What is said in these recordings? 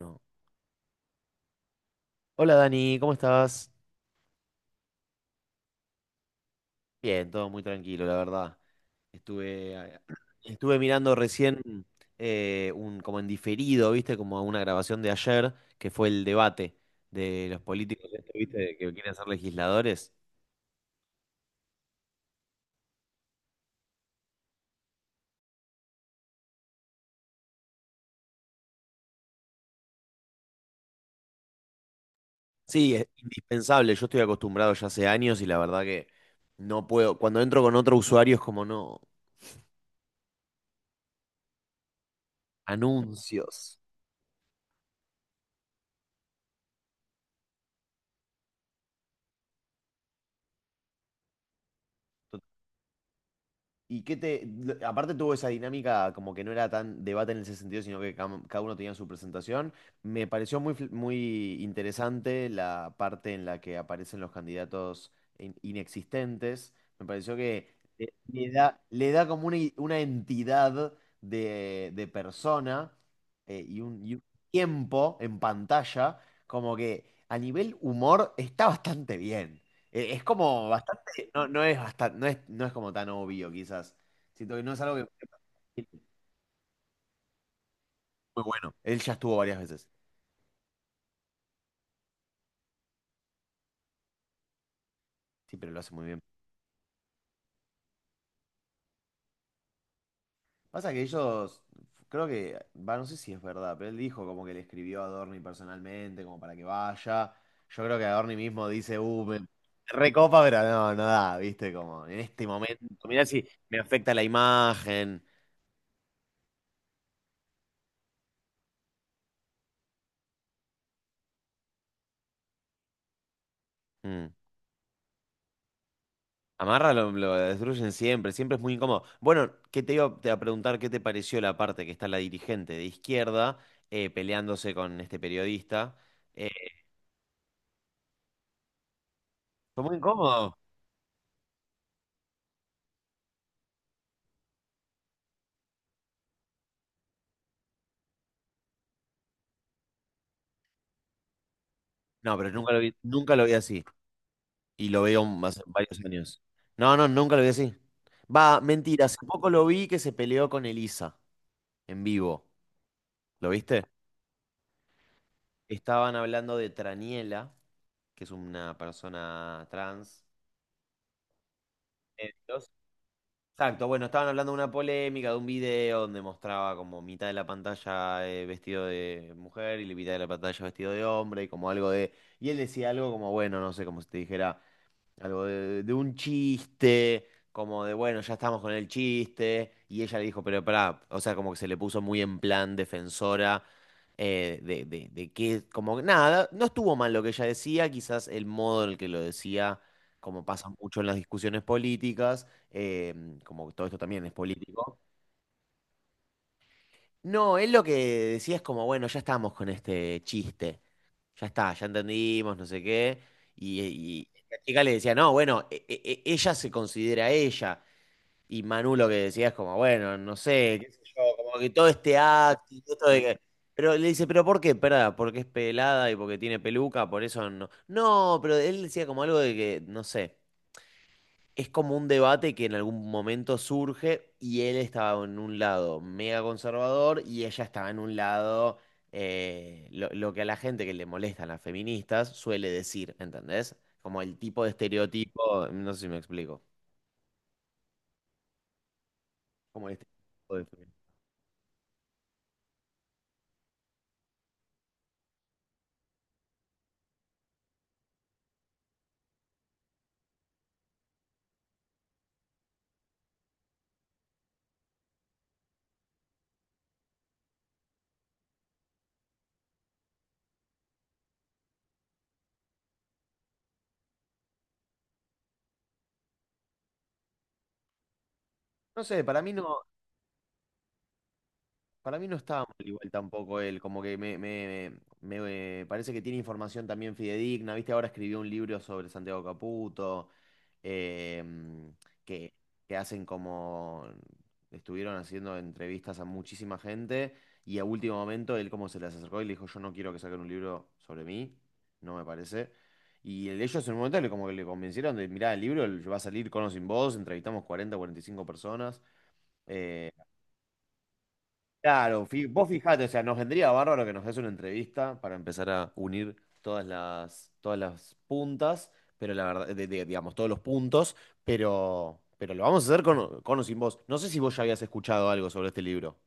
No. Hola Dani, ¿cómo estás? Bien, todo muy tranquilo, la verdad. Estuve, eh, Estuve mirando recién como en diferido, ¿viste? Como una grabación de ayer, que fue el debate de los políticos, esto, ¿viste? Que quieren ser legisladores. Sí, es indispensable. Yo estoy acostumbrado ya hace años y la verdad que no puedo. Cuando entro con otro usuario es como no. Anuncios. ¿Y qué te...? Aparte tuvo esa dinámica como que no era tan debate en ese sentido, sino que cada uno tenía su presentación. Me pareció muy interesante la parte en la que aparecen los candidatos inexistentes. Me pareció que le da como una entidad de persona y un tiempo en pantalla, como que a nivel humor está bastante bien. Es como que no es hasta, no es como tan obvio, quizás. Siento que no es algo que es muy bueno. Él ya estuvo varias veces. Sí, pero lo hace muy bien. Pasa que ellos, creo que, va, no sé si es verdad, pero él dijo como que le escribió a Adorni personalmente, como para que vaya. Yo creo que Adorni mismo dice, me recopa, pero no, no da, viste, como en este momento. Mirá si me afecta la imagen. Mm. Amarra lo destruyen siempre, siempre es muy incómodo. Bueno, ¿qué te iba a preguntar qué te pareció la parte que está la dirigente de izquierda peleándose con este periodista? Eh, Fue muy incómodo. No, pero nunca lo vi, nunca lo vi así. Y lo veo hace varios años. No, no, nunca lo vi así. Va, mentira, hace poco lo vi que se peleó con Elisa en vivo. ¿Lo viste? Estaban hablando de Traniela, que es una persona trans. Exacto, bueno, estaban hablando de una polémica, de un video donde mostraba como mitad de la pantalla vestido de mujer y la mitad de la pantalla vestido de hombre y como algo de... Y él decía algo como, bueno, no sé, como si te dijera... Algo de un chiste, como de, bueno, ya estamos con el chiste. Y ella le dijo, pero pará, o sea, como que se le puso muy en plan defensora de que, como que nada, no estuvo mal lo que ella decía, quizás el modo en el que lo decía, como pasa mucho en las discusiones políticas, como todo esto también es político. No, él lo que decía es como, bueno, ya estamos con este chiste, ya está, ya entendimos, no sé qué. Y la chica le decía, no, bueno, ella se considera ella. Y Manu lo que decía es como, bueno, no sé, qué sé yo, como que todo este acto, y todo esto de que... Pero le dice, ¿pero por qué? Perda, porque es pelada y porque tiene peluca, por eso no. No, pero él decía como algo de que, no sé, es como un debate que en algún momento surge y él estaba en un lado mega conservador y ella estaba en un lado lo que a la gente que le molestan las feministas suele decir, ¿entendés? Como el tipo de estereotipo, no sé si me explico. Como el estereotipo de femi- No sé, para mí no. Para mí no estaba mal igual tampoco él, como que me parece que tiene información también fidedigna, viste, ahora escribió un libro sobre Santiago Caputo, em, que, que hacen como, estuvieron haciendo entrevistas a muchísima gente y a último momento él como se les acercó y le dijo, yo no quiero que saquen un libro sobre mí, no me parece. Ellos en un momento le, como que le convencieron de, mirá, el libro va a salir con o sin vos, entrevistamos 40, 45 personas. eh, Claro, vos fijate, o sea, nos vendría bárbaro que nos des una entrevista para empezar a unir todas las puntas, pero la verdad, digamos, todos los puntos, pero lo vamos a hacer con o sin vos. No sé si vos ya habías escuchado algo sobre este libro.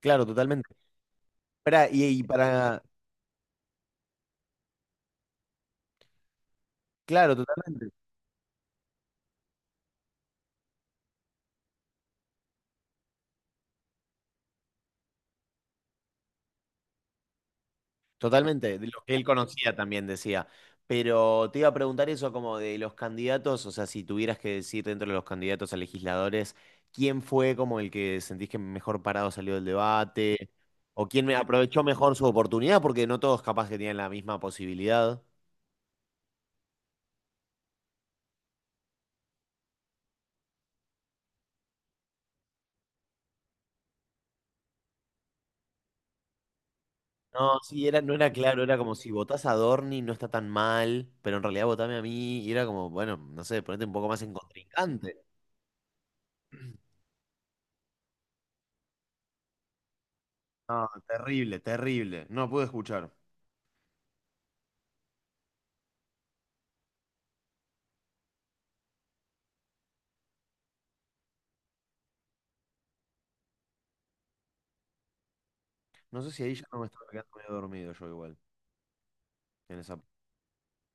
Claro, totalmente. Pará, y para, claro, totalmente. Totalmente, de lo que él conocía también decía. Pero te iba a preguntar eso como de los candidatos, o sea, si tuvieras que decir dentro de los candidatos a legisladores, ¿quién fue como el que sentís que mejor parado salió del debate? ¿O quién me aprovechó mejor su oportunidad? Porque no todos capaz que tenían la misma posibilidad. No, sí, era, no era claro, era como si votás a Dorni no está tan mal, pero en realidad votame a mí y era como, bueno, no sé, ponete un poco más en contrincante. No, terrible, terrible. No pude escuchar. No sé si ahí ya no me estaba quedando medio dormido yo igual. En esa...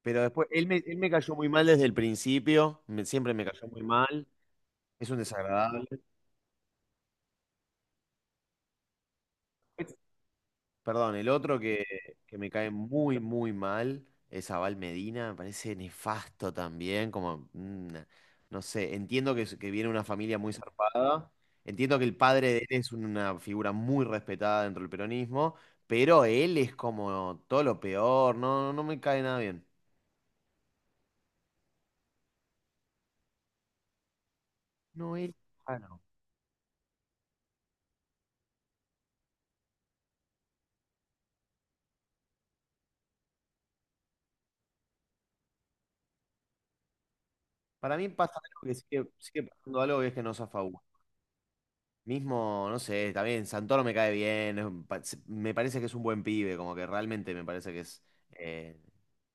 Pero después, él me cayó muy mal desde el principio, siempre me cayó muy mal, es un desagradable. Perdón, el otro que me cae muy, muy mal es Abal Medina, me parece nefasto también, como, mm, no sé, entiendo que, que viene una familia muy zarpada, entiendo que el padre de él es una figura muy respetada dentro del peronismo, pero él es como todo lo peor, no, no me cae nada bien. No, él... ah, no. Para mí pasa algo que sigue, sigue pasando algo y es que no zafa uno. Mismo, no sé, también Santoro me cae bien, es un me parece que es un buen pibe, como que realmente me parece que es eh,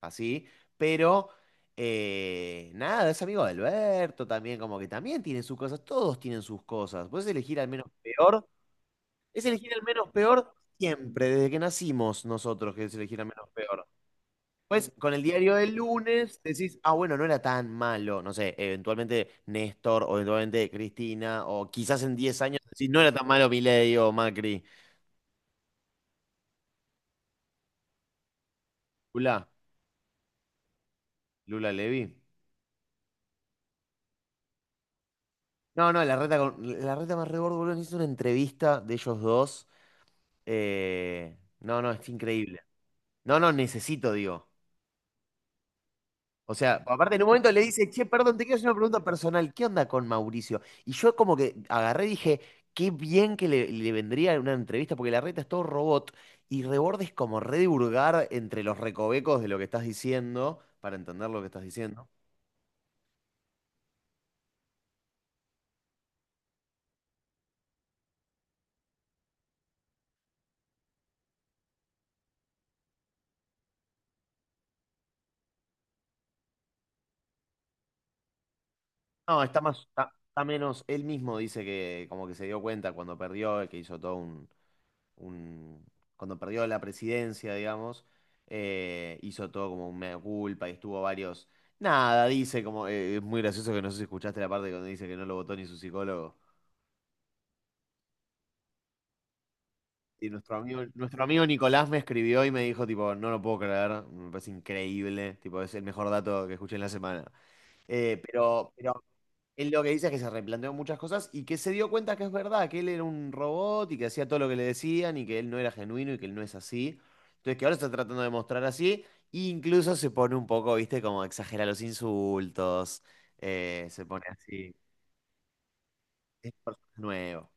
así, pero nada, es amigo de Alberto también, como que también tiene sus cosas, todos tienen sus cosas. Puedes elegir al menos peor, es elegir al menos peor siempre, desde que nacimos nosotros, que es elegir al menos peor. Pues con el diario del lunes decís, ah, bueno, no era tan malo, no sé, eventualmente Néstor o eventualmente Cristina, o quizás en 10 años decís, no era tan malo Milei o Macri. Lula, Lula Levy. No, no, la reta, con, la reta más rebordo, boludo, hizo una entrevista de ellos dos. No, no, es increíble. No, no, necesito, digo. O sea, aparte en un momento le dice, che, perdón, te quiero hacer una pregunta personal, ¿qué onda con Mauricio? Y yo como que agarré y dije, qué bien que le vendría una entrevista, porque la reta es todo robot, y Reborde es como redurgar entre los recovecos de lo que estás diciendo, para entender lo que estás diciendo. No, está más, está, está menos, él mismo dice que como que se dio cuenta cuando perdió, que hizo todo un, un- cuando perdió la presidencia, digamos, hizo todo como un mea culpa y estuvo varios. Nada, dice como, es muy gracioso que no sé si escuchaste la parte cuando dice que no lo votó ni su psicólogo. Y nuestro amigo Nicolás me escribió y me dijo, tipo, no lo puedo creer, me parece increíble, tipo, es el mejor dato que escuché en la semana. Pero él lo que dice es que se replanteó muchas cosas y que se dio cuenta que es verdad, que él era un robot y que hacía todo lo que le decían y que él no era genuino y que él no es así. Entonces que ahora está tratando de mostrar así, e incluso se pone un poco, viste, como exagera los insultos, se pone así. Es un personaje nuevo,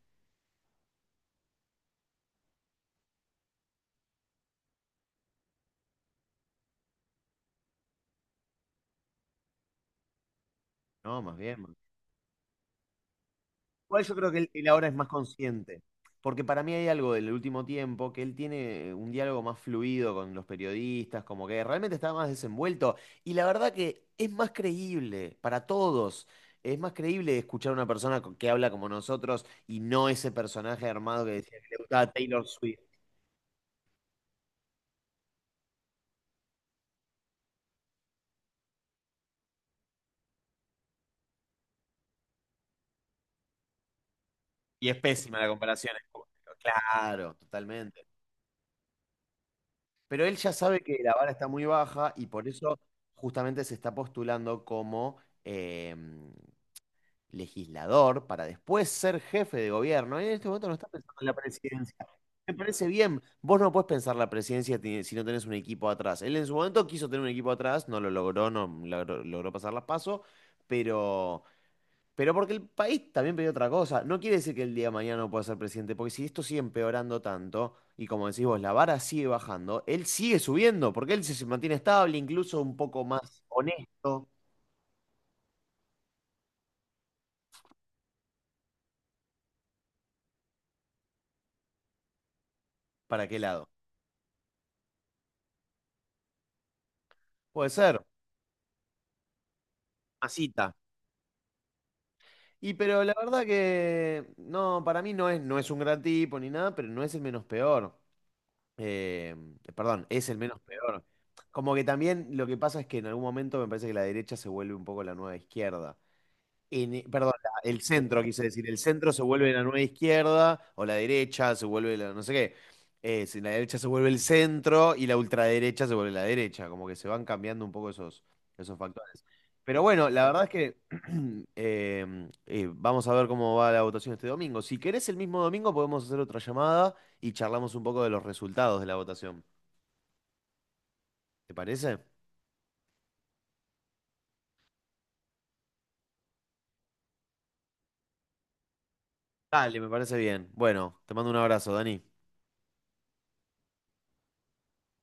¿no? Más bien. Igual yo creo que él ahora es más consciente, porque para mí hay algo del último tiempo que él tiene un diálogo más fluido con los periodistas, como que realmente está más desenvuelto y la verdad que es más creíble para todos. Es más creíble escuchar a una persona que habla como nosotros y no ese personaje armado que decía que le gustaba Taylor Swift. Y es pésima la comparación. Claro, totalmente. Pero él ya sabe que la vara está muy baja y por eso justamente se está postulando como... em, legislador para después ser jefe de gobierno. Y en este momento no está pensando en la presidencia. Me parece bien, vos no podés pensar la presidencia si no tenés un equipo atrás. Él en su momento quiso tener un equipo atrás, no lo logró, no logró, logró pasar las pasos, pero, pero porque el país también pidió otra cosa. No quiere decir que el día de mañana no pueda ser presidente, porque si esto sigue empeorando tanto, y como decís vos, la vara sigue bajando, él sigue subiendo, porque él se mantiene estable, incluso un poco más honesto. ¿Para qué lado? Puede ser. Masita. Y pero la verdad que no, para mí no es, no es un gran tipo ni nada, pero no es el menos peor. Eh, perdón, es el menos peor. Como que también lo que pasa es que en algún momento me parece que la derecha se vuelve un poco la nueva izquierda el centro, quise decir, el centro se vuelve la nueva izquierda o la derecha se vuelve la no sé qué. Si la derecha se vuelve el centro y la ultraderecha se vuelve la derecha, como que se van cambiando un poco esos, esos factores. Pero bueno, la verdad es que vamos a ver cómo va la votación este domingo. Si querés el mismo domingo podemos hacer otra llamada y charlamos un poco de los resultados de la votación. ¿Te parece? Dale, me parece bien. Bueno, te mando un abrazo, Dani.